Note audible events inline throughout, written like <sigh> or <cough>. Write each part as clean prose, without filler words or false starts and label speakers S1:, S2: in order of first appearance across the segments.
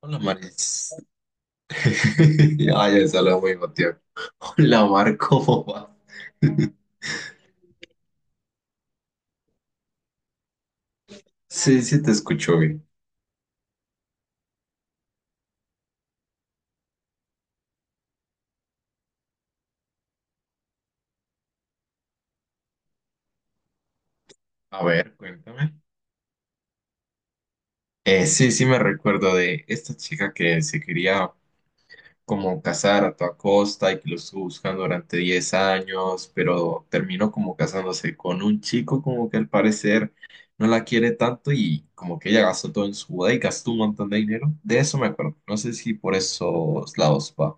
S1: Hola, Maris. <laughs> Ay, ya se habla muy buen tiempo. Hola, Mar, ¿cómo va? <laughs> Sí, sí, te escucho bien. A ver, cuéntame. Sí, sí, me recuerdo de esta chica que se quería como casar a toda costa y que lo estuvo buscando durante 10 años, pero terminó como casándose con un chico como que al parecer no la quiere tanto y como que ella gastó todo en su boda y gastó un montón de dinero. De eso me acuerdo. No sé si por esos lados va.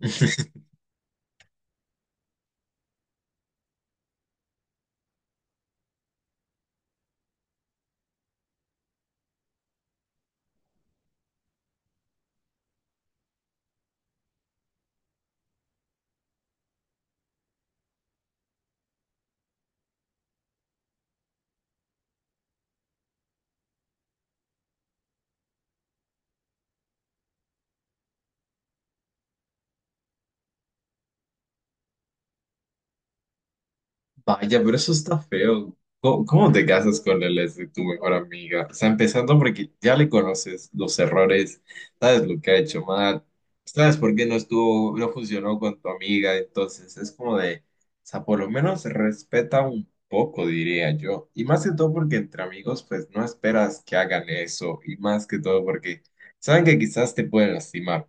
S1: <laughs> Vaya, pero eso está feo. ¿Cómo, cómo te casas con él es de tu mejor amiga? O sea, empezando porque ya le conoces los errores, sabes lo que ha hecho mal, sabes por qué no estuvo, no funcionó con tu amiga, entonces es como de, o sea, por lo menos respeta un poco, diría yo. Y más que todo porque entre amigos, pues no esperas que hagan eso, y más que todo porque saben que quizás te pueden lastimar.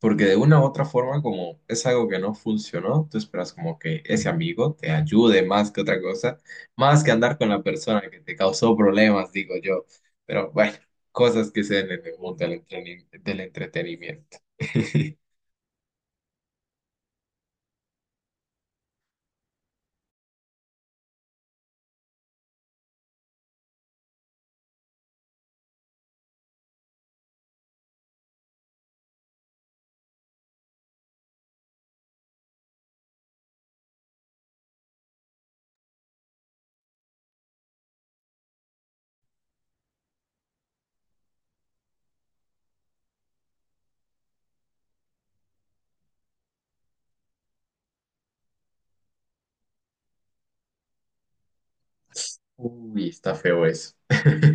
S1: Porque de una u otra forma, como es algo que no funcionó, tú esperas como que ese amigo te ayude más que otra cosa, más que andar con la persona que te causó problemas, digo yo. Pero bueno, cosas que se den en el mundo del del entretenimiento. <laughs> Uy, está feo eso. <laughs>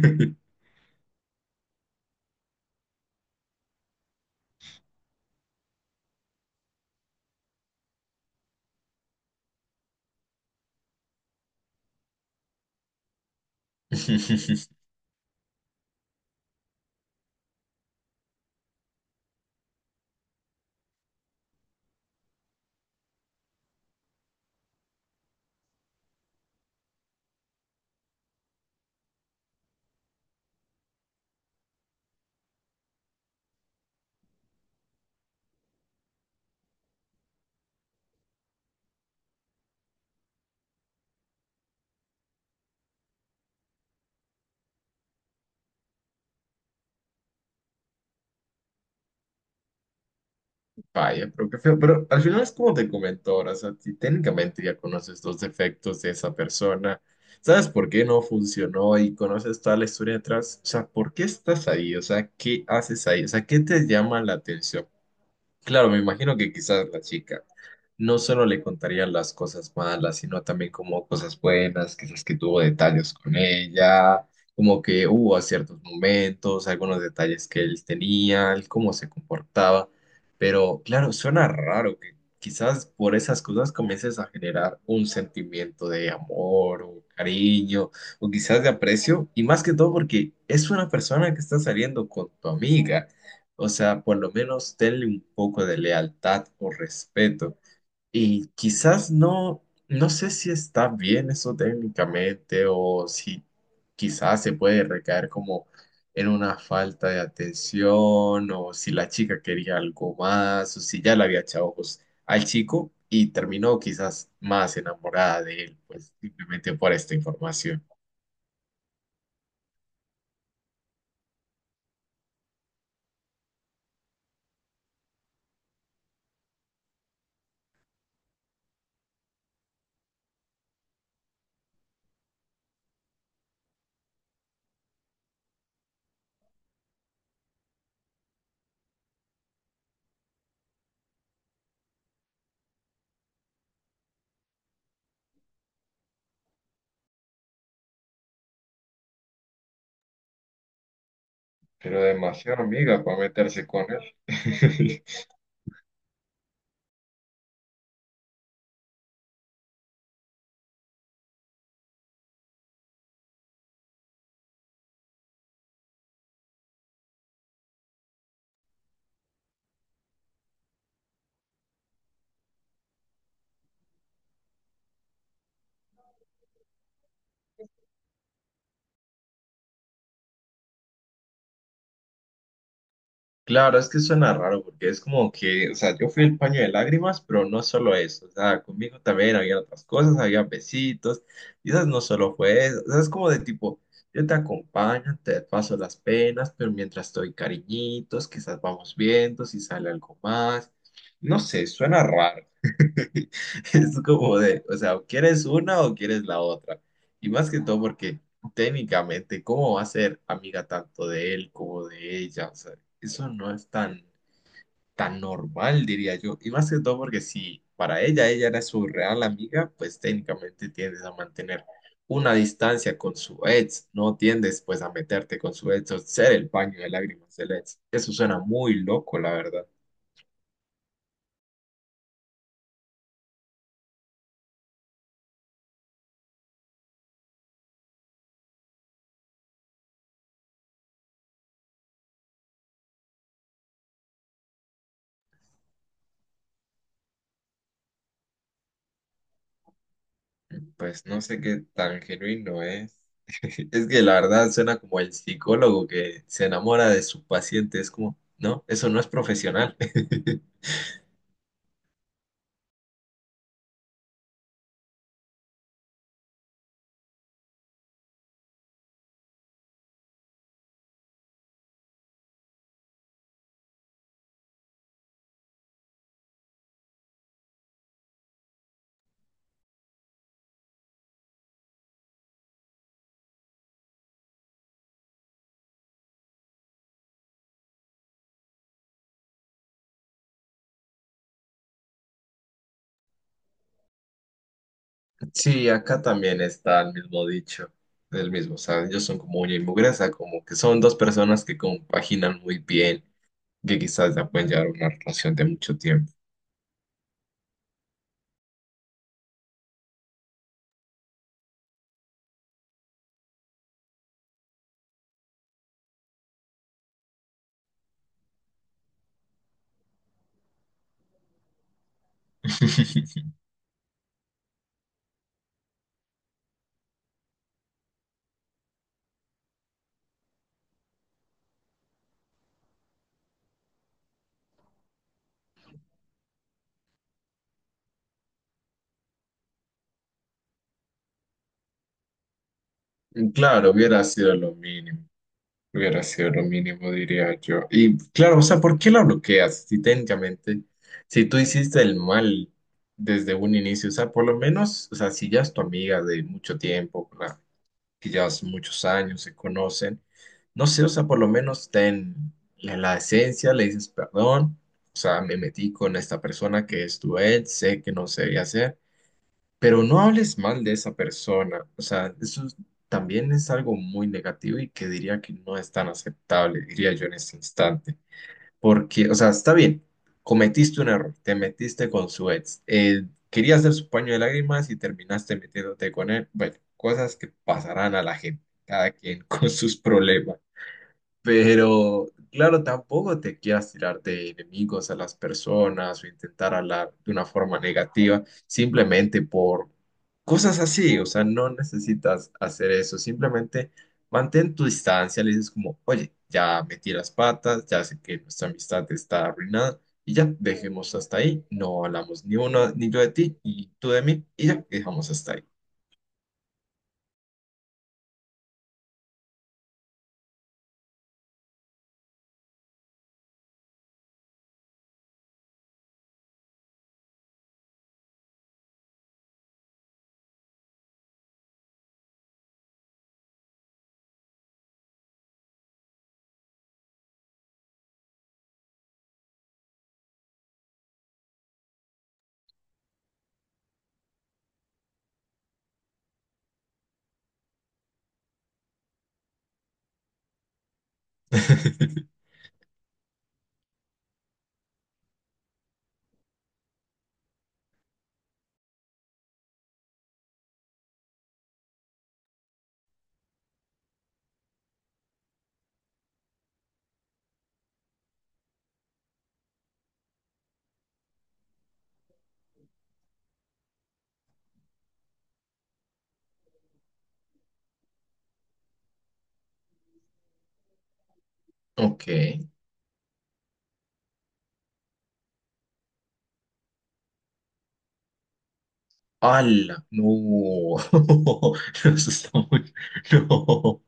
S1: Vaya, pero qué feo. Pero al final es como te comentó ahora, o sea, si técnicamente ya conoces los defectos de esa persona, sabes por qué no funcionó y conoces toda la historia detrás, o sea, ¿por qué estás ahí? O sea, ¿qué haces ahí? O sea, ¿qué te llama la atención? Claro, me imagino que quizás la chica no solo le contaría las cosas malas, sino también como cosas buenas, quizás que tuvo detalles con ella, como que hubo a ciertos momentos, algunos detalles que él tenía, el cómo se comportaba. Pero claro, suena raro que quizás por esas cosas comiences a generar un sentimiento de amor o cariño o quizás de aprecio, y más que todo porque es una persona que está saliendo con tu amiga. O sea, por lo menos tenle un poco de lealtad o respeto. Y quizás no, no sé si está bien eso técnicamente o si quizás se puede recaer como en una falta de atención o si la chica quería algo más o si ya le había echado ojos al chico y terminó quizás más enamorada de él, pues simplemente por esta información. Pero demasiado amiga para meterse con él. <laughs> Claro, es que suena raro porque es como que, o sea, yo fui el paño de lágrimas, pero no solo eso, o sea, conmigo también había otras cosas, había besitos, quizás no solo fue eso, o sea, es como de tipo, yo te acompaño, te paso las penas, pero mientras estoy cariñitos, quizás vamos viendo si sale algo más, no sé, suena raro. <laughs> Es como de, o sea, o quieres una o quieres la otra, y más que todo porque técnicamente, ¿cómo va a ser amiga tanto de él como de ella? O sea, eso no es tan, tan normal, diría yo. Y más que todo porque si para ella ella era su real amiga, pues técnicamente tiendes a mantener una distancia con su ex. No tiendes pues a meterte con su ex o ser el paño de lágrimas del ex. Eso suena muy loco, la verdad. Pues no sé qué tan genuino es. <laughs> Es que la verdad suena como el psicólogo que se enamora de su paciente. Es como, no, eso no es profesional. <laughs> Sí, acá también está el mismo dicho, el mismo, o sea, ellos son como uña y mugreza, como que son dos personas que compaginan muy bien, que quizás ya pueden llevar una relación de mucho tiempo. <laughs> Claro, hubiera sido lo mínimo, hubiera sido lo mínimo, diría yo. Y claro, o sea, ¿por qué la bloqueas? Si técnicamente, si tú hiciste el mal desde un inicio, o sea, por lo menos, o sea, si ya es tu amiga de mucho tiempo, que ya hace muchos años se conocen. No sé, o sea, por lo menos ten en la esencia, le dices perdón, o sea, me metí con esta persona que es tu ex, sé que no se debía hacer, pero no hables mal de esa persona, o sea, también es algo muy negativo y que diría que no es tan aceptable, diría yo en este instante. Porque, o sea, está bien, cometiste un error, te metiste con su ex, querías ser su paño de lágrimas y terminaste metiéndote con él. Bueno, cosas que pasarán a la gente, cada quien <laughs> con sus problemas. Pero, claro, tampoco te quieras tirar de enemigos a las personas o intentar hablar de una forma negativa, simplemente por cosas así. O sea, no necesitas hacer eso. Simplemente mantén tu distancia. Le dices como, oye, ya metí las patas, ya sé que nuestra amistad está arruinada y ya, dejemos hasta ahí. No hablamos ni uno, ni yo de ti y tú de mí y ya, dejamos hasta ahí. <laughs> Ok. ¡Hala! No, <laughs> no, eso está muy... <laughs> No.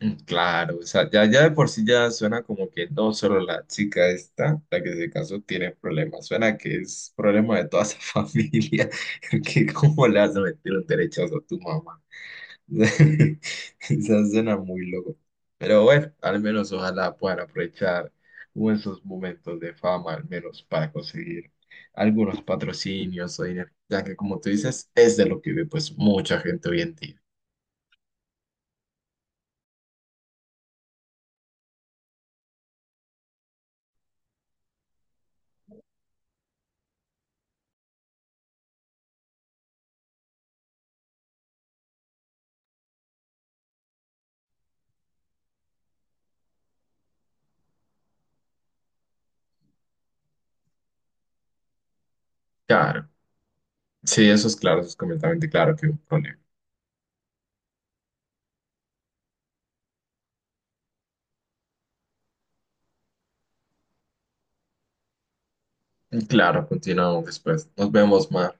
S1: Claro, o sea, ya, ya de por sí ya suena como que no solo la chica esta, la que se casó, tiene problemas, suena que es problema de toda esa <laughs> familia, que cómo le vas a meter un derechazo a tu mamá. <laughs> Eso suena muy loco. Pero bueno, al menos ojalá puedan aprovechar esos momentos de fama, al menos para conseguir algunos patrocinios o dinero, ya que como tú dices, es de lo que vive pues mucha gente hoy en día. Claro, sí, eso es claro, eso es completamente claro que es un problema. Claro, continuamos después. Nos vemos, más